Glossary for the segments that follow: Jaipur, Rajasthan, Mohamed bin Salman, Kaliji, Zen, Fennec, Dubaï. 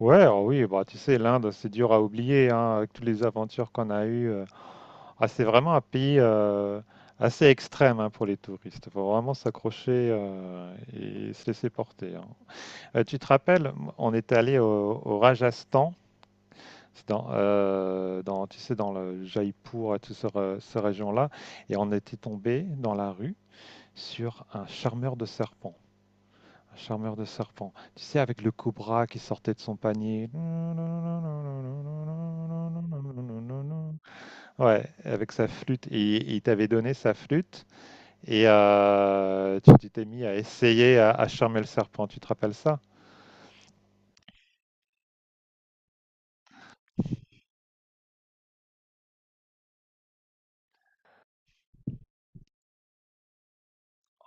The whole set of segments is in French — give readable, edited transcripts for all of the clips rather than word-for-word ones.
Ouais, alors oui, bah, tu sais, l'Inde, c'est dur à oublier, hein, avec toutes les aventures qu'on a eues. Ah, c'est vraiment un pays assez extrême, hein, pour les touristes. Il faut vraiment s'accrocher, et se laisser porter, hein. Tu te rappelles, on est allé au Rajasthan, c'est dans, tu sais, dans le Jaipur et toute cette région-là, et on était tombé dans la rue sur un charmeur de serpents. Un charmeur de serpents. Tu sais, avec le cobra qui sortait de son panier. Ouais, avec sa flûte. Et il t'avait donné sa flûte et tu t'es mis à essayer à charmer le serpent. Tu te rappelles ça?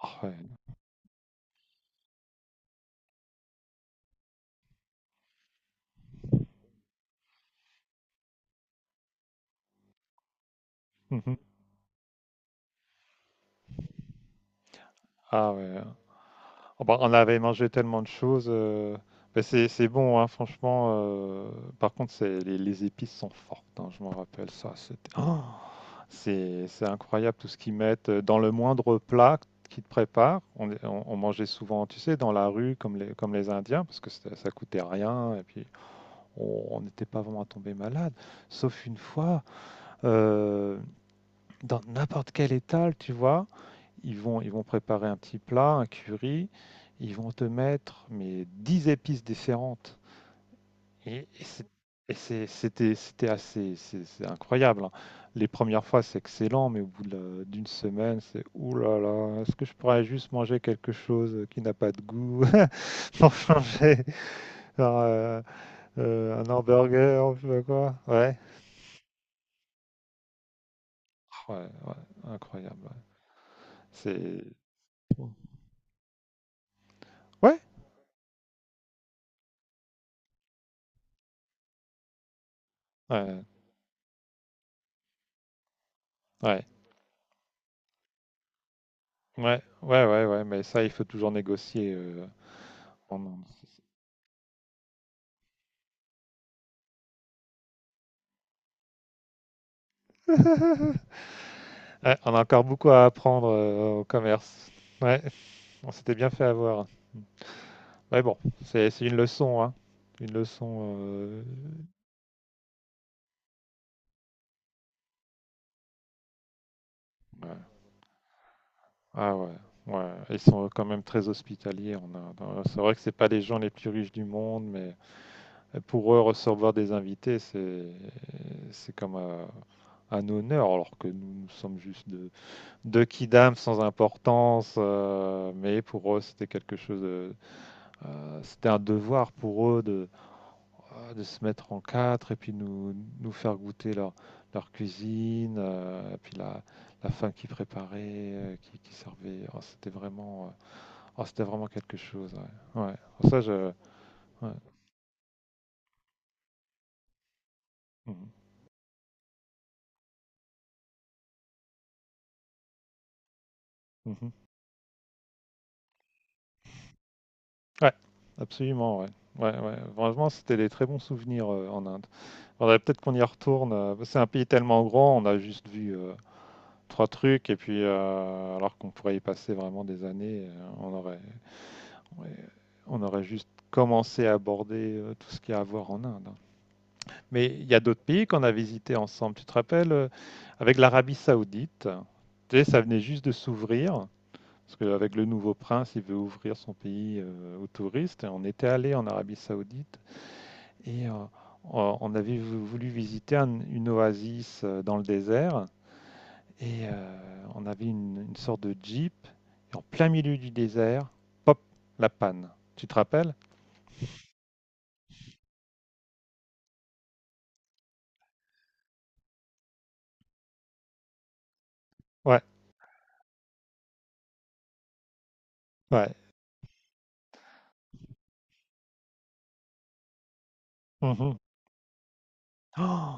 Ah, ouais. Mhm. Ah, ouais. Oh bah, on avait mangé tellement de choses, mais c'est bon, hein, franchement. Par contre, les épices sont fortes, hein, je m'en rappelle ça. C'était. Oh, c'est incroyable tout ce qu'ils mettent, dans le moindre plat qu'ils te préparent. On mangeait souvent, tu sais, dans la rue comme les Indiens parce que ça coûtait rien et puis on n'était pas vraiment tombé malade. Sauf une fois, euh, dans n'importe quel étal, tu vois, ils vont préparer un petit plat, un curry, ils vont te mettre mais 10 épices différentes. Et et c'est et c'est c'était c'était assez c'est incroyable, hein. Les premières fois, c'est excellent, mais au bout de la d'une semaine, c'est: «Ouh là là, est-ce que je pourrais juste manger quelque chose qui n'a pas de goût?» pour changer, genre, un hamburger ou je sais pas quoi. Ouais. Ouais, ouais, incroyable, ouais. C'est ouais, ouais, ouais, ouais, ouais, ouais, ouais, mais ça, il faut toujours négocier, en Ouais, on a encore beaucoup à apprendre, au commerce. Ouais. On s'était bien fait avoir. Mais bon, c'est une leçon, hein. Une leçon. Ouais. Ah, ouais. Ouais, ils sont quand même très hospitaliers en Inde, hein. C'est vrai que c'est pas les gens les plus riches du monde, mais pour eux recevoir des invités, c'est comme un honneur, alors que nous, nous sommes juste de deux kidams sans importance. Mais pour eux, c'était quelque chose de, c'était un devoir pour eux de de se mettre en quatre et puis nous, nous faire goûter leur cuisine, et puis la fin qu'ils préparaient, qui servait. Oh, c'était vraiment, oh, c'était vraiment quelque chose. Ouais. Ouais. Oh, ça, je. Ouais. Mhm. Mhm. Ouais, absolument. Ouais. Ouais, ouais. Vraiment, c'était des très bons souvenirs, en Inde. Faudrait peut-être qu'on y retourne. C'est un pays tellement grand, on a juste vu, trois trucs, et puis alors qu'on pourrait y passer vraiment des années, on aurait, ouais, on aurait juste commencé à aborder, tout ce qu'il y a à voir en Inde. Mais il y a d'autres pays qu'on a visités ensemble. Tu te rappelles, avec l'Arabie Saoudite, tu sais, ça venait juste de s'ouvrir. Parce qu'avec le nouveau prince, il veut ouvrir son pays, aux touristes. Et on était allé en Arabie Saoudite et euh, on avait voulu visiter une oasis, dans le désert. On avait une sorte de jeep. Et en plein milieu du désert, pop, la panne. Tu te rappelles? Ouais, ouais. Mhm. Oh!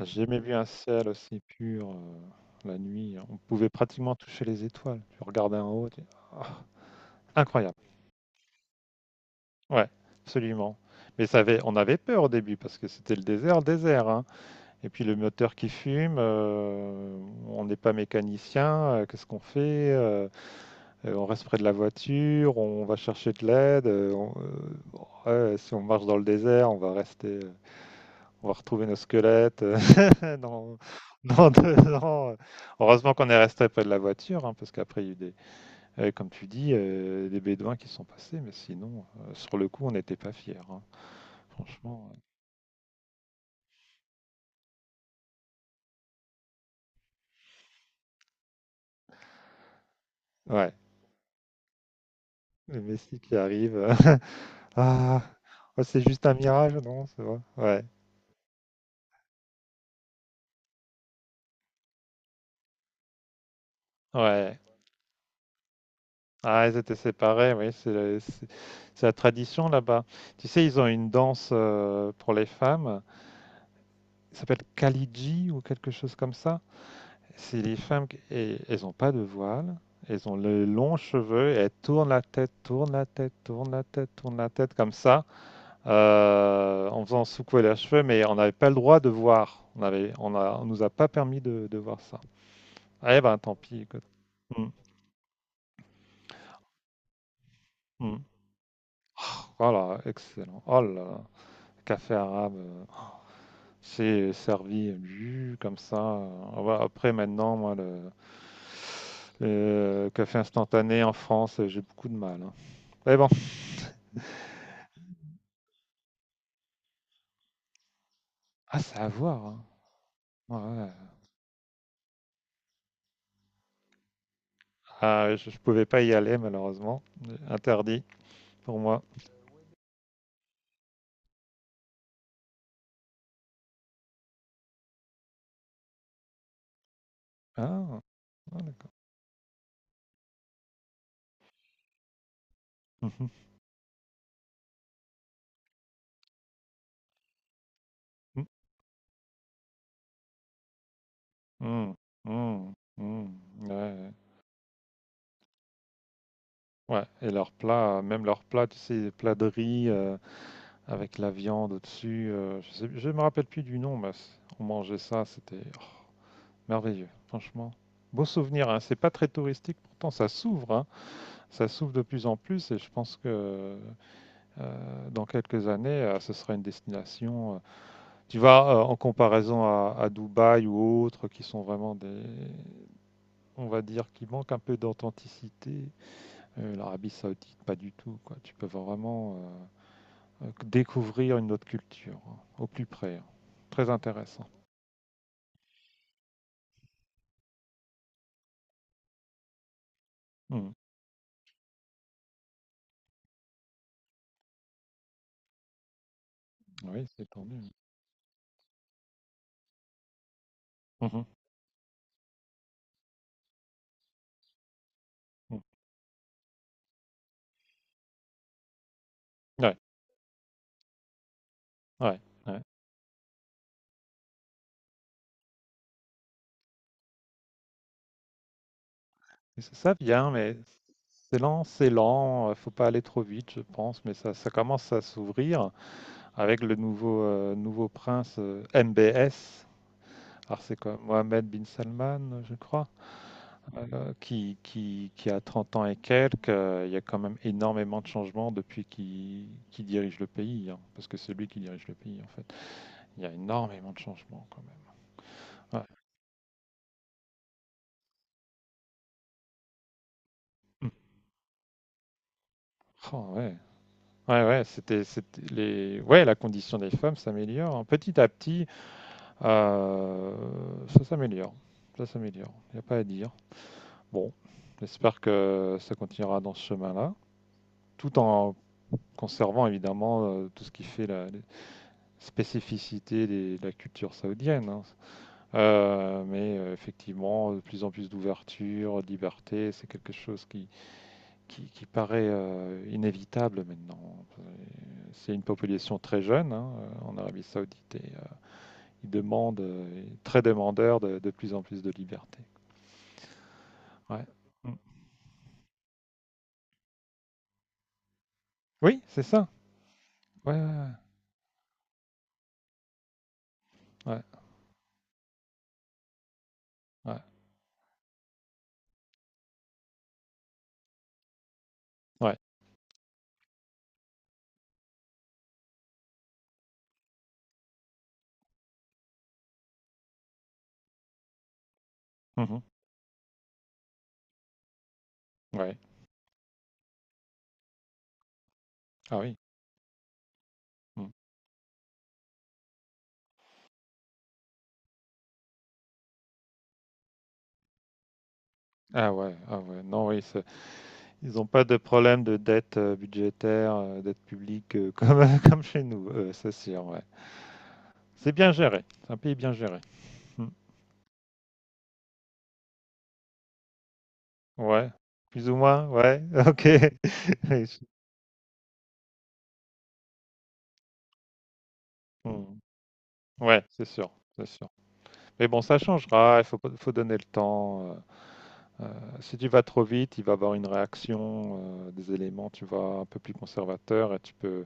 J'ai jamais vu un ciel aussi pur, la nuit, on pouvait pratiquement toucher les étoiles. Tu regardais en haut, tu ah! Incroyable. Ouais, absolument. Mais ça avait on avait peur au début parce que c'était le désert, désert, hein, et puis le moteur qui fume, on n'est pas mécanicien, qu'est-ce qu'on fait? On reste près de la voiture, on va chercher de l'aide, ouais, si on marche dans le désert, on va rester, on va retrouver nos squelettes, dans, dans 2 ans. Heureusement qu'on est resté près de la voiture, hein, parce qu'après, il y a eu comme tu dis, des bédouins qui sont passés, mais sinon, sur le coup, on n'était pas fiers, hein. Franchement, ouais. Le Messi qui arrive. Ah, oh, c'est juste un mirage, non? C'est vrai. Ouais. Ouais. Ah, ils étaient séparés, oui, c'est la tradition là-bas. Tu sais, ils ont une danse, pour les femmes, ça s'appelle Kaliji ou quelque chose comme ça. Si les femmes, elles ont pas de voile, elles ont les longs cheveux, et elles tournent la tête, tournent la tête, tournent la tête, tournent la tête comme ça, en faisant secouer leurs cheveux, mais on n'avait pas le droit de voir. On nous a pas permis de voir ça. Ah, eh ben, tant pis. Écoute. Mm, mm. Oh là, excellent. Oh là là. Café arabe, c'est servi, comme ça. Ah, ouais, après, maintenant, moi, le café instantané en France, j'ai beaucoup de mal, hein. Mais bon, ah, c'est à voir, hein. Ouais, ouais. Ah, je pouvais pas y aller malheureusement, interdit pour moi. Ah, ah, d'accord. Mhm. Mm, mm, mm. Ouais, ouais. Ouais, et leurs plats, même leurs plats, tu sais, les plats de riz, avec la viande au-dessus. Je me rappelle plus du nom, mais on mangeait ça, c'était, oh, merveilleux, franchement. Beau souvenir, hein. C'est pas très touristique, pourtant ça s'ouvre, hein. Ça s'ouvre de plus en plus, et je pense que dans quelques années, ce sera une destination. Tu vas, en comparaison à Dubaï ou autres qui sont vraiment des, on va dire, qui manquent un peu d'authenticité. L'Arabie Saoudite, pas du tout, quoi. Tu peux vraiment découvrir une autre culture, hein, au plus près, hein. Très intéressant. Mhm. Oui, c'est tendu. Mhm. Mhm. Ouais, ouais, ouais. Et C'est Ça vient, mais c'est lent, c'est lent. Faut pas aller trop vite, je pense, mais ça commence à s'ouvrir. Avec le nouveau prince, MBS. Alors c'est quoi, Mohamed bin Salman, je crois, qui a 30 ans et quelques. Il y a quand même énormément de changements depuis qu'il dirige le pays, hein, parce que c'est lui qui dirige le pays en fait. Il y a énormément de changements quand même. Ouais. Mm. Oh, ouais. Ouais, ouais, ouais, la condition des femmes s'améliore, hein. Petit à petit, ça s'améliore. Ça s'améliore. Il n'y a pas à dire. Bon, j'espère que ça continuera dans ce chemin-là, tout en conservant évidemment, tout ce qui fait la les spécificités de la culture saoudienne, hein. Mais, effectivement, de plus en plus d'ouverture, de liberté, c'est quelque chose qui paraît, inévitable maintenant. C'est une population très jeune, hein, en Arabie Saoudite ils demandent, très demandeurs de plus en plus de liberté. Ouais. Mm. Oui, c'est ça. Ouais, ouais, ouais. Ouais, ouais. Ouais. Mhm. Ouais. Ah, oui. Mmh. Ah, ouais, ah, ouais. Non, oui, c'est ils ont pas de problème de dette, budgétaire, dette publique, comme chez nous, c'est sûr, ouais. C'est bien géré, c'est un pays bien géré. Mmh. Ouais, plus ou moins, ouais, OK. Oui, je mmh. Ouais, c'est sûr, c'est sûr. Mais bon, ça changera, il faut pas, faut donner le temps, heu, si tu vas trop vite, il va y avoir une réaction, des éléments, tu vois, un peu plus conservateur et tu peux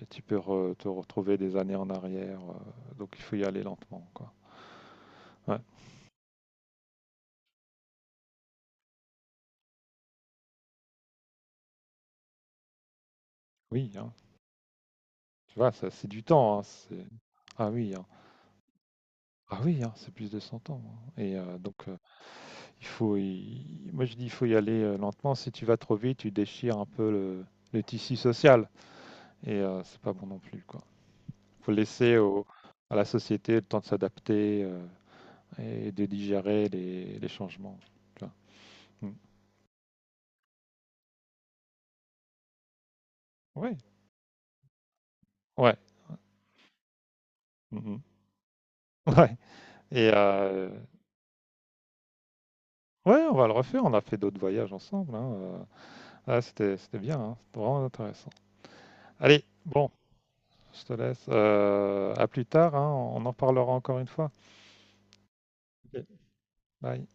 Et tu peux re- te retrouver des années en arrière. Donc il faut y aller lentement, quoi. Ouais. Oui, hein. Tu vois, ça, c'est du temps, hein, ah, oui, hein. Ah, oui, hein, c'est plus de 100 ans, hein. Donc, moi je dis, il faut y aller, lentement. Si tu vas trop vite, tu déchires un peu le tissu social. C'est pas bon non plus, quoi. Faut laisser à la société le temps de s'adapter, et de digérer les changements. Tu vois. Mm. Ouais, ouais, mhm. Ouais. Et euh, Ouais, on va le refaire. On a fait d'autres voyages ensemble, hein. Ah, c'était bien, hein. C'était vraiment intéressant. Allez, bon, je te laisse. À plus tard, hein. On en parlera encore une fois. Ok. Bye.